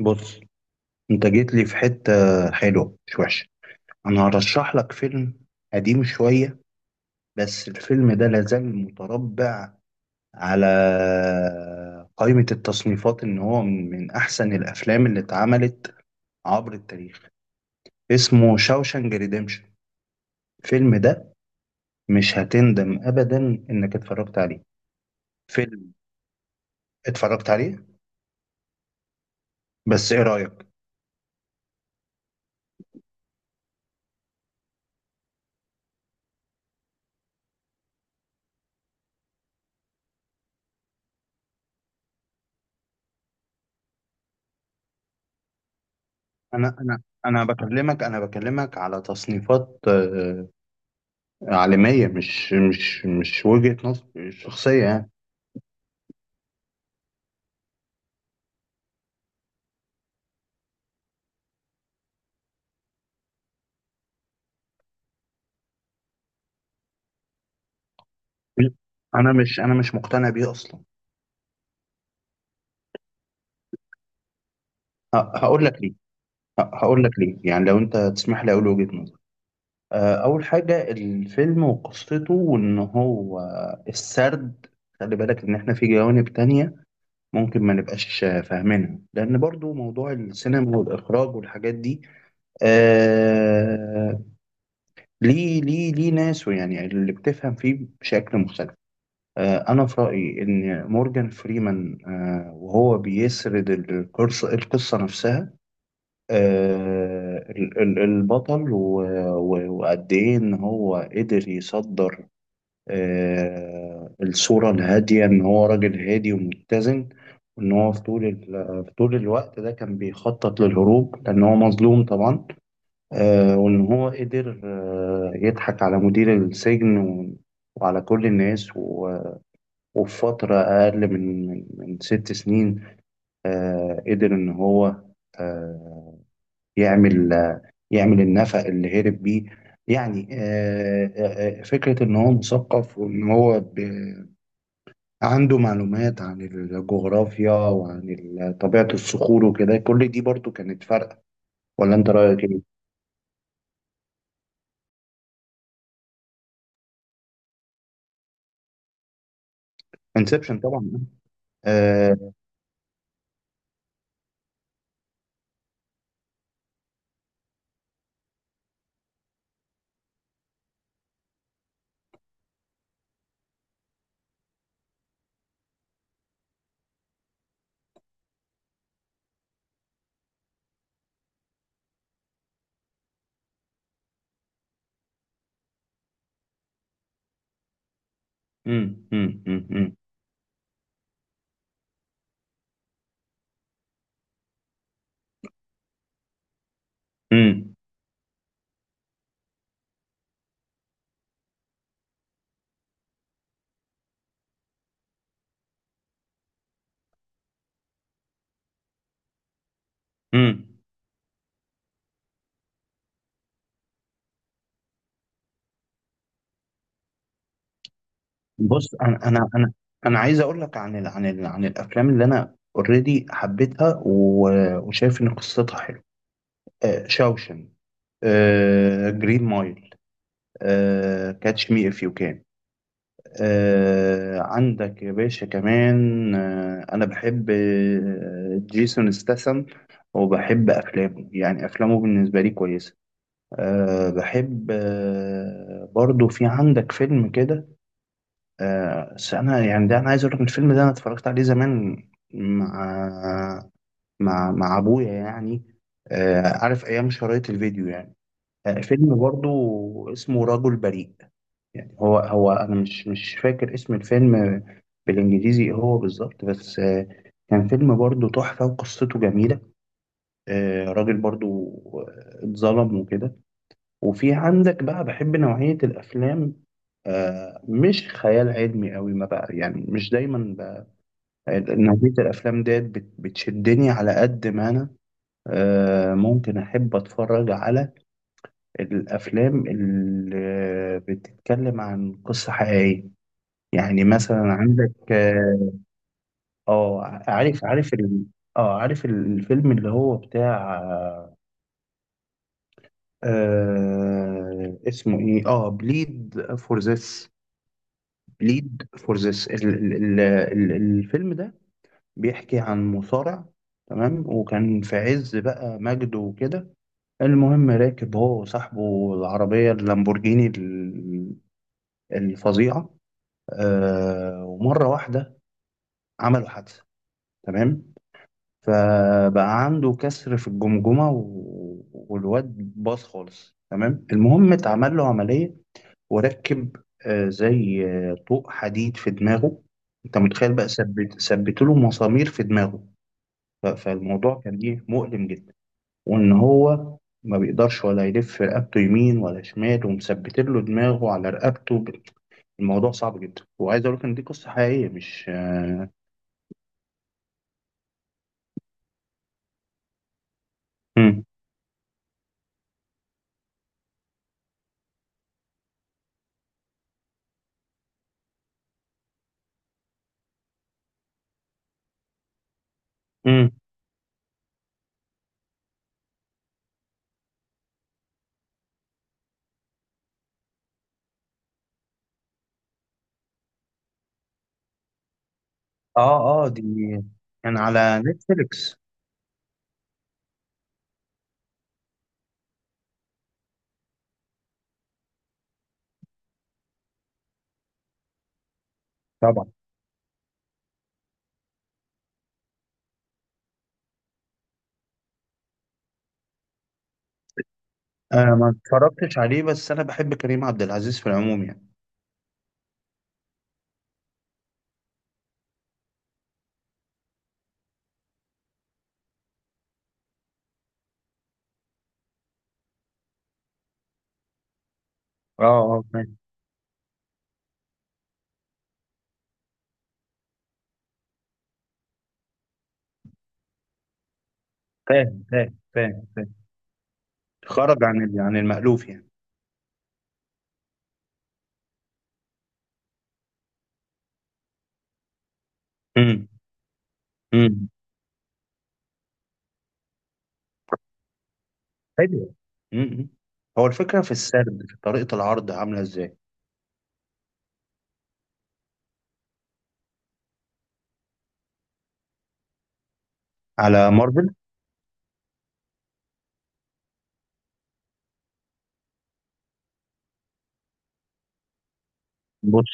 بص، انت جيت لي في حتة حلوة مش وحشة. انا هرشح لك فيلم قديم شوية، بس الفيلم ده لازال متربع على قائمة التصنيفات ان هو من احسن الافلام اللي اتعملت عبر التاريخ. اسمه شاوشانج ريديمشن. الفيلم ده مش هتندم ابدا انك اتفرجت عليه. فيلم اتفرجت عليه، بس ايه رأيك؟ انا بكلمك، انا بكلمك على تصنيفات عالمية، مش وجهة نظر شخصية يعني. أنا مش، أنا مش مقتنع بيه أصلا. هقول لك ليه. هقول لك ليه يعني، لو أنت تسمح لي أقول وجهة نظر. أول حاجة الفيلم وقصته، وإن هو السرد. خلي بالك إن إحنا في جوانب تانية ممكن ما نبقاش فاهمينها، لأن برضو موضوع السينما والإخراج والحاجات دي. آه ليه ناس، ويعني اللي بتفهم فيه بشكل مختلف. أنا في رأيي إن مورجان فريمان، وهو بيسرد القصة، القصة نفسها، البطل وقد إيه إن هو قدر يصدر الصورة الهادية، إن هو راجل هادي ومتزن، وإن هو في طول الوقت ده كان بيخطط للهروب، لأن هو مظلوم طبعا. وإن هو قدر يضحك على مدير السجن، و- وعلى كل الناس، و وفي فترة أقل من ست سنين، قدر إن هو آه، يعمل، يعمل النفق اللي هرب بيه. يعني فكرة إن هو مثقف، وإن هو عنده معلومات عن الجغرافيا وعن طبيعة الصخور وكده، كل دي برضو كانت فارقة. ولا أنت رأيك إيه؟ انسبشن طبعا. آه، مم، مم، مم، مم، مم، مم. بص، انا عايز اقول لك عن ال عن ال عن الافلام اللي انا اوريدي حبيتها وشايف ان قصتها حلوه. آه، شاوشن، آه، جرين مايل، آه، كاتش مي اف يو كان، آه، عندك يا باشا كمان آه، انا بحب آه، جيسون ستاثام وبحب افلامه، يعني افلامه بالنسبه لي كويسه. آه، بحب آه، برضو في عندك فيلم كده. بس انا يعني ده، انا عايز اقول لك الفيلم ده انا اتفرجت عليه زمان مع مع ابويا يعني، عارف ايام شرايط الفيديو يعني. فيلم برضو اسمه رجل بريء. يعني هو انا مش فاكر اسم الفيلم بالانجليزي إيه هو بالظبط، بس كان فيلم برضو تحفة وقصته جميلة. راجل برضو اتظلم وكده. وفي عندك بقى، بحب نوعية الأفلام. آه، مش خيال علمي قوي ما بقى، يعني مش دايما بقى. نوعية الأفلام ديت بتشدني، على قد ما أنا آه، ممكن أحب أتفرج على الأفلام اللي بتتكلم عن قصة حقيقية، يعني مثلا عندك اه. آه، عارف، عارف ال... اه عارف الفيلم اللي هو بتاع آه، اسمه ايه، اه بليد فور ذس. بليد فور ذس، الفيلم ده بيحكي عن مصارع، تمام، وكان في عز بقى مجده وكده. المهم راكب هو وصاحبه العربية اللامبورجيني الفظيعة، آه، ومرة واحدة عملوا حادثة، تمام. فبقى عنده كسر في الجمجمة والواد باظ خالص، تمام. المهم اتعمل له عملية وركب زي طوق حديد في دماغه. انت متخيل بقى، ثبت له مسامير في دماغه. فالموضوع كان ايه، مؤلم جدا. وان هو ما بيقدرش ولا يلف رقبته يمين ولا شمال، ومثبت له دماغه على رقبته الموضوع صعب جدا. وعايز اقول لك ان دي قصة حقيقية، مش. مم. مم. اه اه دي كان على نتفليكس. طبعا انا ما اتفرجتش عليه، بس انا بحب كريم عبد العزيز في العموم يعني. اه اه فاهم. فاهم، فاهم، فاهم. خرج عن عن المألوف يعني. امم. امم. حلو. امم. هو الفكرة في السرد، في طريقة العرض عاملة ازاي؟ على مارفل؟ بص،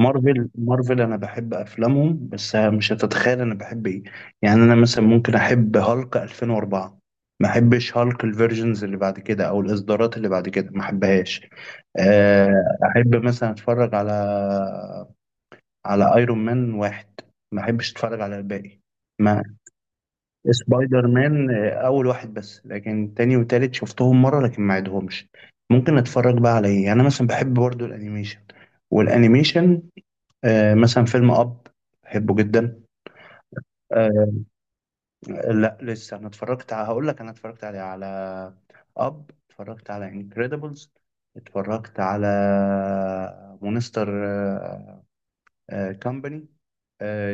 مارفل، مارفل انا بحب افلامهم، بس مش هتتخيل انا بحب ايه. يعني انا مثلا ممكن احب هالك 2004، ما احبش هالك الفيرجنز اللي بعد كده او الاصدارات اللي بعد كده، ما احبهاش. احب مثلا اتفرج على ايرون مان واحد، ما احبش اتفرج على الباقي. ما سبايدر مان اول واحد بس، لكن تاني وتالت شفتهم مره، لكن ما عدهمش. ممكن اتفرج بقى على ايه، انا مثلا بحب برضو الانيميشن. والانيميشن آه، مثلا فيلم اب، بحبه جدا. آه، لا لسه. انا اتفرجت على، هقول لك، انا اتفرجت على اب، اتفرجت على انكريدبلز، اتفرجت على مونستر كامباني.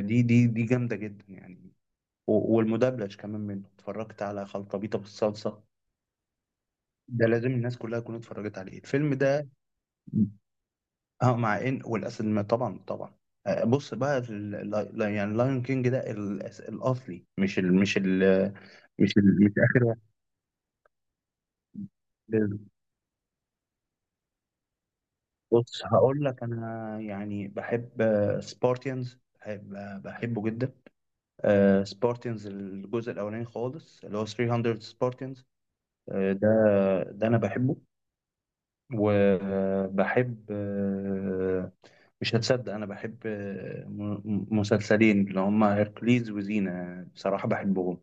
دي جامده جدا يعني. والمدبلج كمان منه، اتفرجت على خلطبيطه بالصلصه. ده لازم الناس كلها تكون اتفرجت عليه الفيلم ده. اه، مع ان والاسد طبعا، طبعا. بص بقى، في ال... يعني لايون كينج ده الاصلي، مش ال... مش ال... مش ال... مش اخر واحد. بص، هقول لك انا يعني بحب سبارتيانز، بحب آه، بحبه جدا. سبارتيانز الجزء الاولاني خالص، اللي هو 300 سبارتيانز، ده ده انا بحبه. وبحب مش هتصدق، أنا بحب آه، مسلسلين اللي هما هيركليز وزينة، بصراحة بحبهم،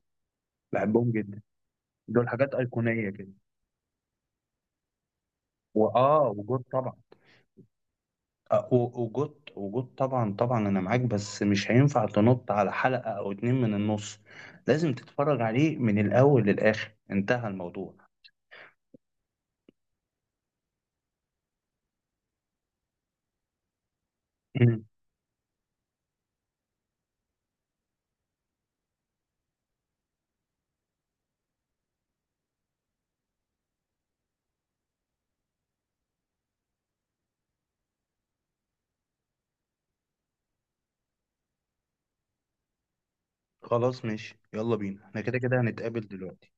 بحبهم جدا. دول حاجات أيقونية كده. وآه، وجود طبعا، وجود، وجود طبعا، طبعا أنا معاك. بس مش هينفع تنط على حلقة أو اتنين من النص، لازم تتفرج عليه من الأول للآخر، انتهى الموضوع. مم. خلاص ماشي، يلا بينا، احنا كده كده هنتقابل دلوقتي.